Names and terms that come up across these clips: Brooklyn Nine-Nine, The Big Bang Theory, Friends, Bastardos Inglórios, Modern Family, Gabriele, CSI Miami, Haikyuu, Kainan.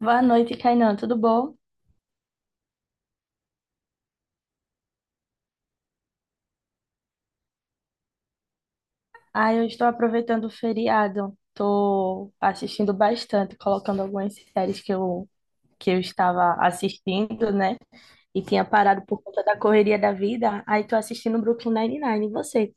Boa noite, Kainan. Tudo bom? Ah, eu estou aproveitando o feriado. Estou assistindo bastante, colocando algumas séries que eu estava assistindo, né? E tinha parado por conta da correria da vida. Aí estou assistindo Brooklyn Nine-Nine. E você?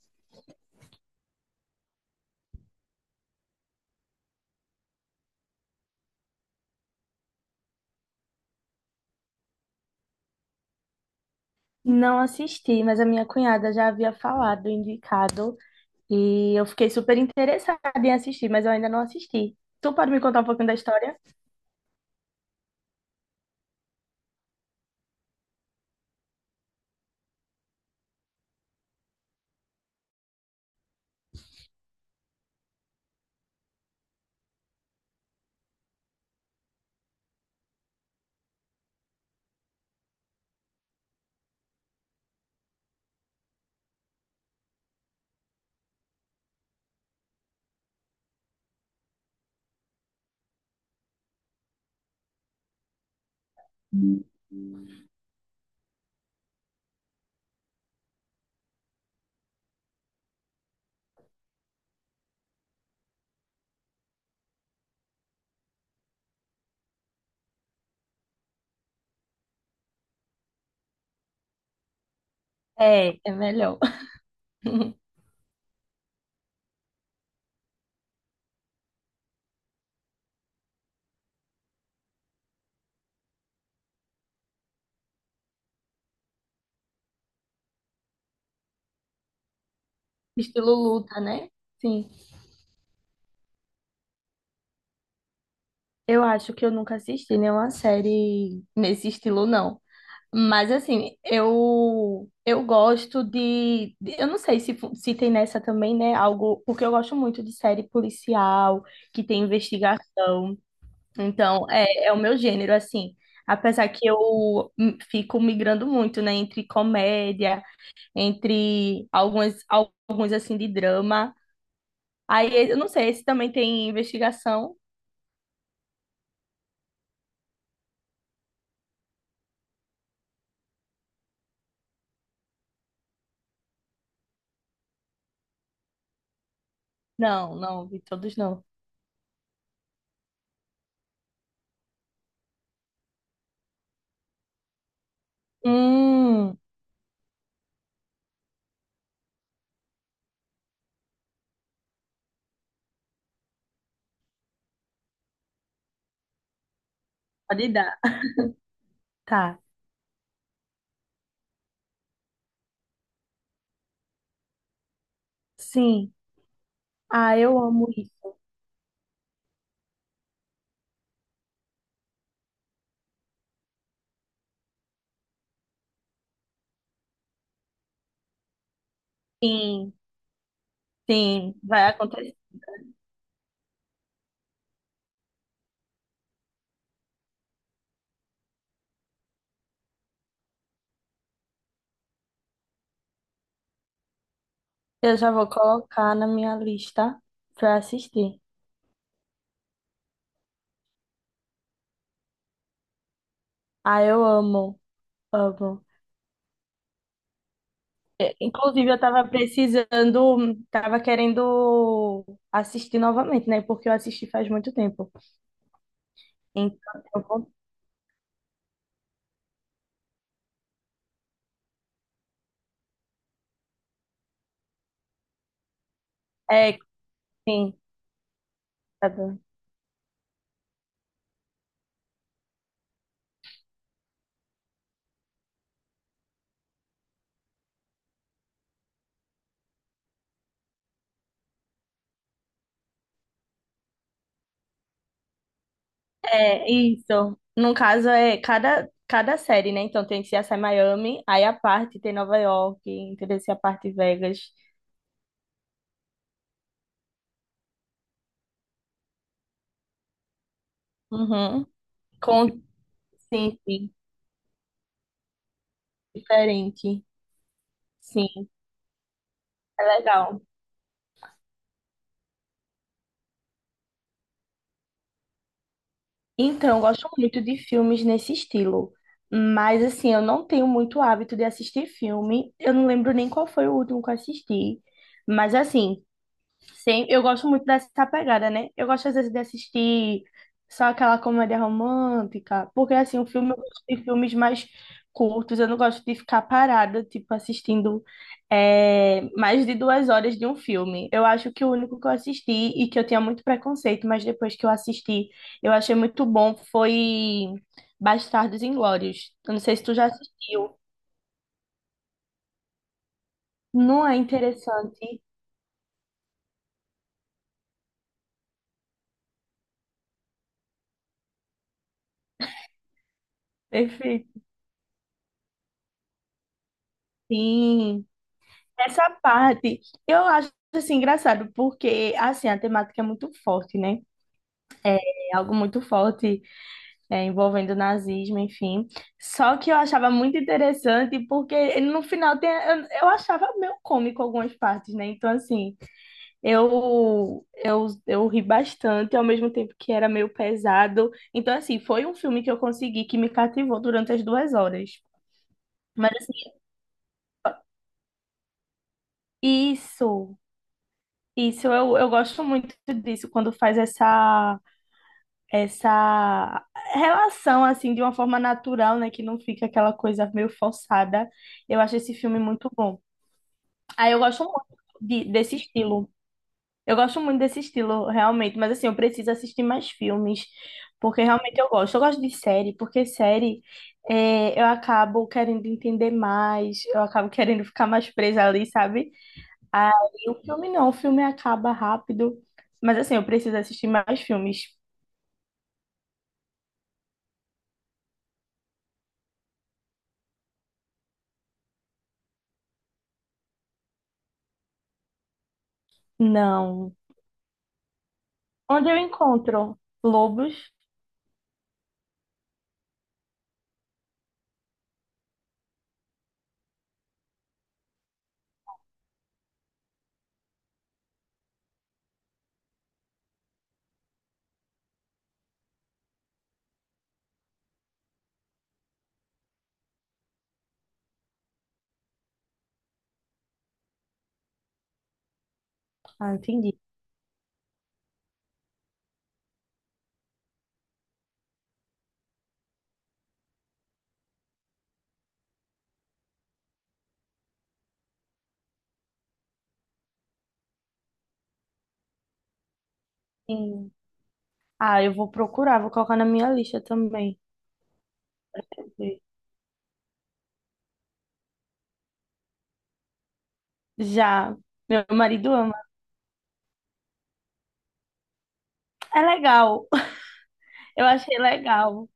Não assisti, mas a minha cunhada já havia falado, indicado. E eu fiquei super interessada em assistir, mas eu ainda não assisti. Tu pode me contar um pouquinho da história? É, é melhor. Estilo luta, né? Sim. Eu acho que eu nunca assisti nenhuma série nesse estilo, não. Mas assim, eu gosto de, eu não sei se se tem nessa também, né, algo, porque eu gosto muito de série policial, que tem investigação. Então, é, é o meu gênero assim. Apesar que eu fico migrando muito, né, entre comédia, entre algumas alguns assim de drama. Aí eu não sei, esse também tem investigação? Não, não, vi todos não. Hum. Pode dar. Tá. Sim. Ah, eu amo isso. Sim, sim, vai acontecer. Eu já vou colocar na minha lista pra assistir. Ah, eu amo, amo. É, inclusive, eu tava precisando, tava querendo assistir novamente, né? Porque eu assisti faz muito tempo. Então, eu vou... É, sim, tá bom. É, isso. No caso, é cada, cada série, né? Então, tem CSI Miami, aí a parte tem Nova York, entendeu? Se a parte Vegas. Uhum. Com... Sim, sim. Diferente. Sim, é legal. Então, eu gosto muito de filmes nesse estilo. Mas, assim, eu não tenho muito hábito de assistir filme. Eu não lembro nem qual foi o último que eu assisti. Mas, assim, sim, eu gosto muito dessa pegada, né? Eu gosto às vezes de assistir só aquela comédia romântica, porque assim, o filme, eu gosto de filmes mais curtos, eu não gosto de ficar parada, tipo, assistindo, é, mais de duas horas de um filme. Eu acho que o único que eu assisti e que eu tinha muito preconceito, mas depois que eu assisti, eu achei muito bom, foi Bastardos Inglórios. Eu não sei se tu já assistiu. Não é interessante? Perfeito. Sim. Essa parte eu acho assim engraçado, porque assim, a temática é muito forte, né? É algo muito forte, é, envolvendo o nazismo, enfim. Só que eu achava muito interessante, porque no final tem, eu achava meio cômico algumas partes, né? Então, assim, eu ri bastante, ao mesmo tempo que era meio pesado. Então, assim, foi um filme que eu consegui que me cativou durante as duas horas. Mas, assim, isso, isso, eu gosto muito disso, quando faz essa. Essa relação assim de uma forma natural, né, que não fica aquela coisa meio forçada. Eu acho esse filme muito bom. Aí eu gosto muito desse estilo. Eu gosto muito desse estilo, realmente, mas assim, eu preciso assistir mais filmes, porque realmente eu gosto. Eu gosto de série, porque série, é, eu acabo querendo entender mais, eu acabo querendo ficar mais presa ali, sabe? Aí o filme não, o filme acaba rápido, mas assim, eu preciso assistir mais filmes. Não. Onde eu encontro lobos? Ah, entendi. Sim. Ah, eu vou procurar, vou colocar na minha lista também. Deixa eu ver. Já, meu marido ama. É legal. Eu achei legal.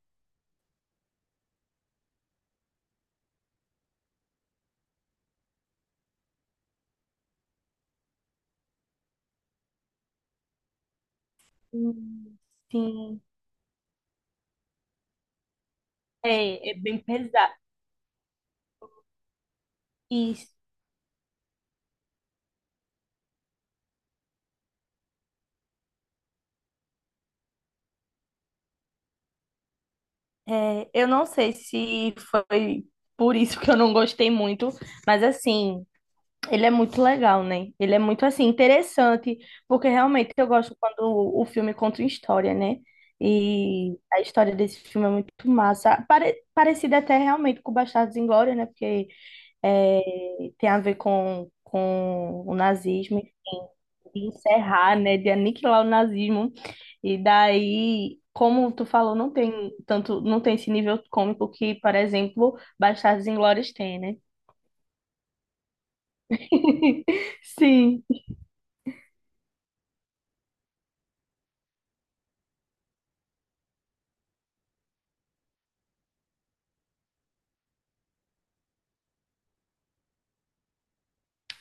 Hum, Sim. É, é bem pesado. Isso. É, eu não sei se foi por isso que eu não gostei muito, mas assim. Ele é muito legal, né? Ele é muito assim interessante, porque realmente eu gosto quando o filme conta uma história, né? E a história desse filme é muito massa, pare parecida até realmente com Bastardos Inglórios, né? Porque é, tem a ver com o nazismo, enfim, de encerrar, né? De aniquilar o nazismo. E daí, como tu falou, não tem tanto, não tem esse nível cômico que, por exemplo, Bastardos Inglórios tem, né? Sim.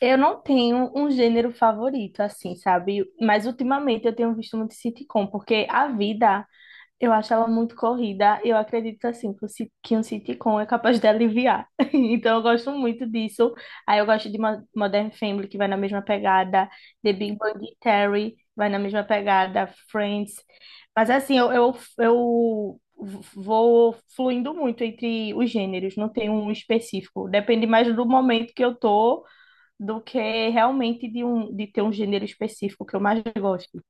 Eu não tenho um gênero favorito, assim, sabe? Mas ultimamente eu tenho visto muito sitcom, porque a vida, eu acho ela muito corrida. Eu acredito, assim, que um sitcom é capaz de aliviar. Então eu gosto muito disso. Aí eu gosto de Modern Family, que vai na mesma pegada. The Big Bang Theory, vai na mesma pegada. Friends. Mas, assim, eu vou fluindo muito entre os gêneros, não tenho um específico. Depende mais do momento que eu tô do que realmente de ter um gênero específico que eu mais gosto.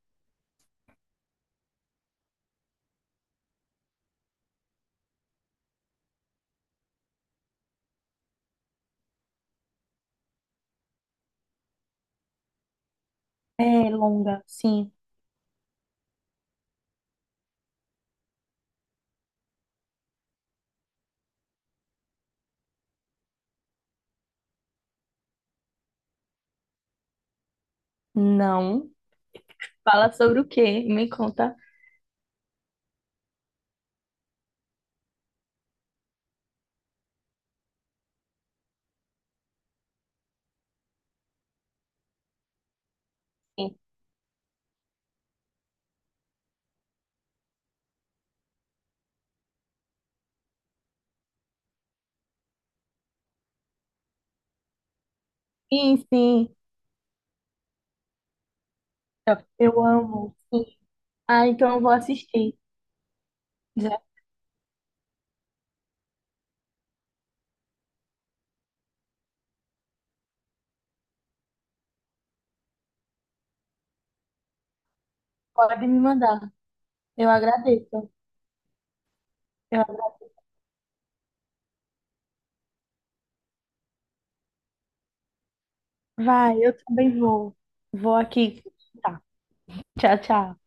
É longa, sim. Não. Fala sobre o quê? Me conta. Sim, sim. sim. Eu amo. Sim. Ah, então eu vou assistir. Já pode me mandar. Eu agradeço. Eu... agra- Vai, eu também vou. Vou aqui. Tá. Tchau, tchau.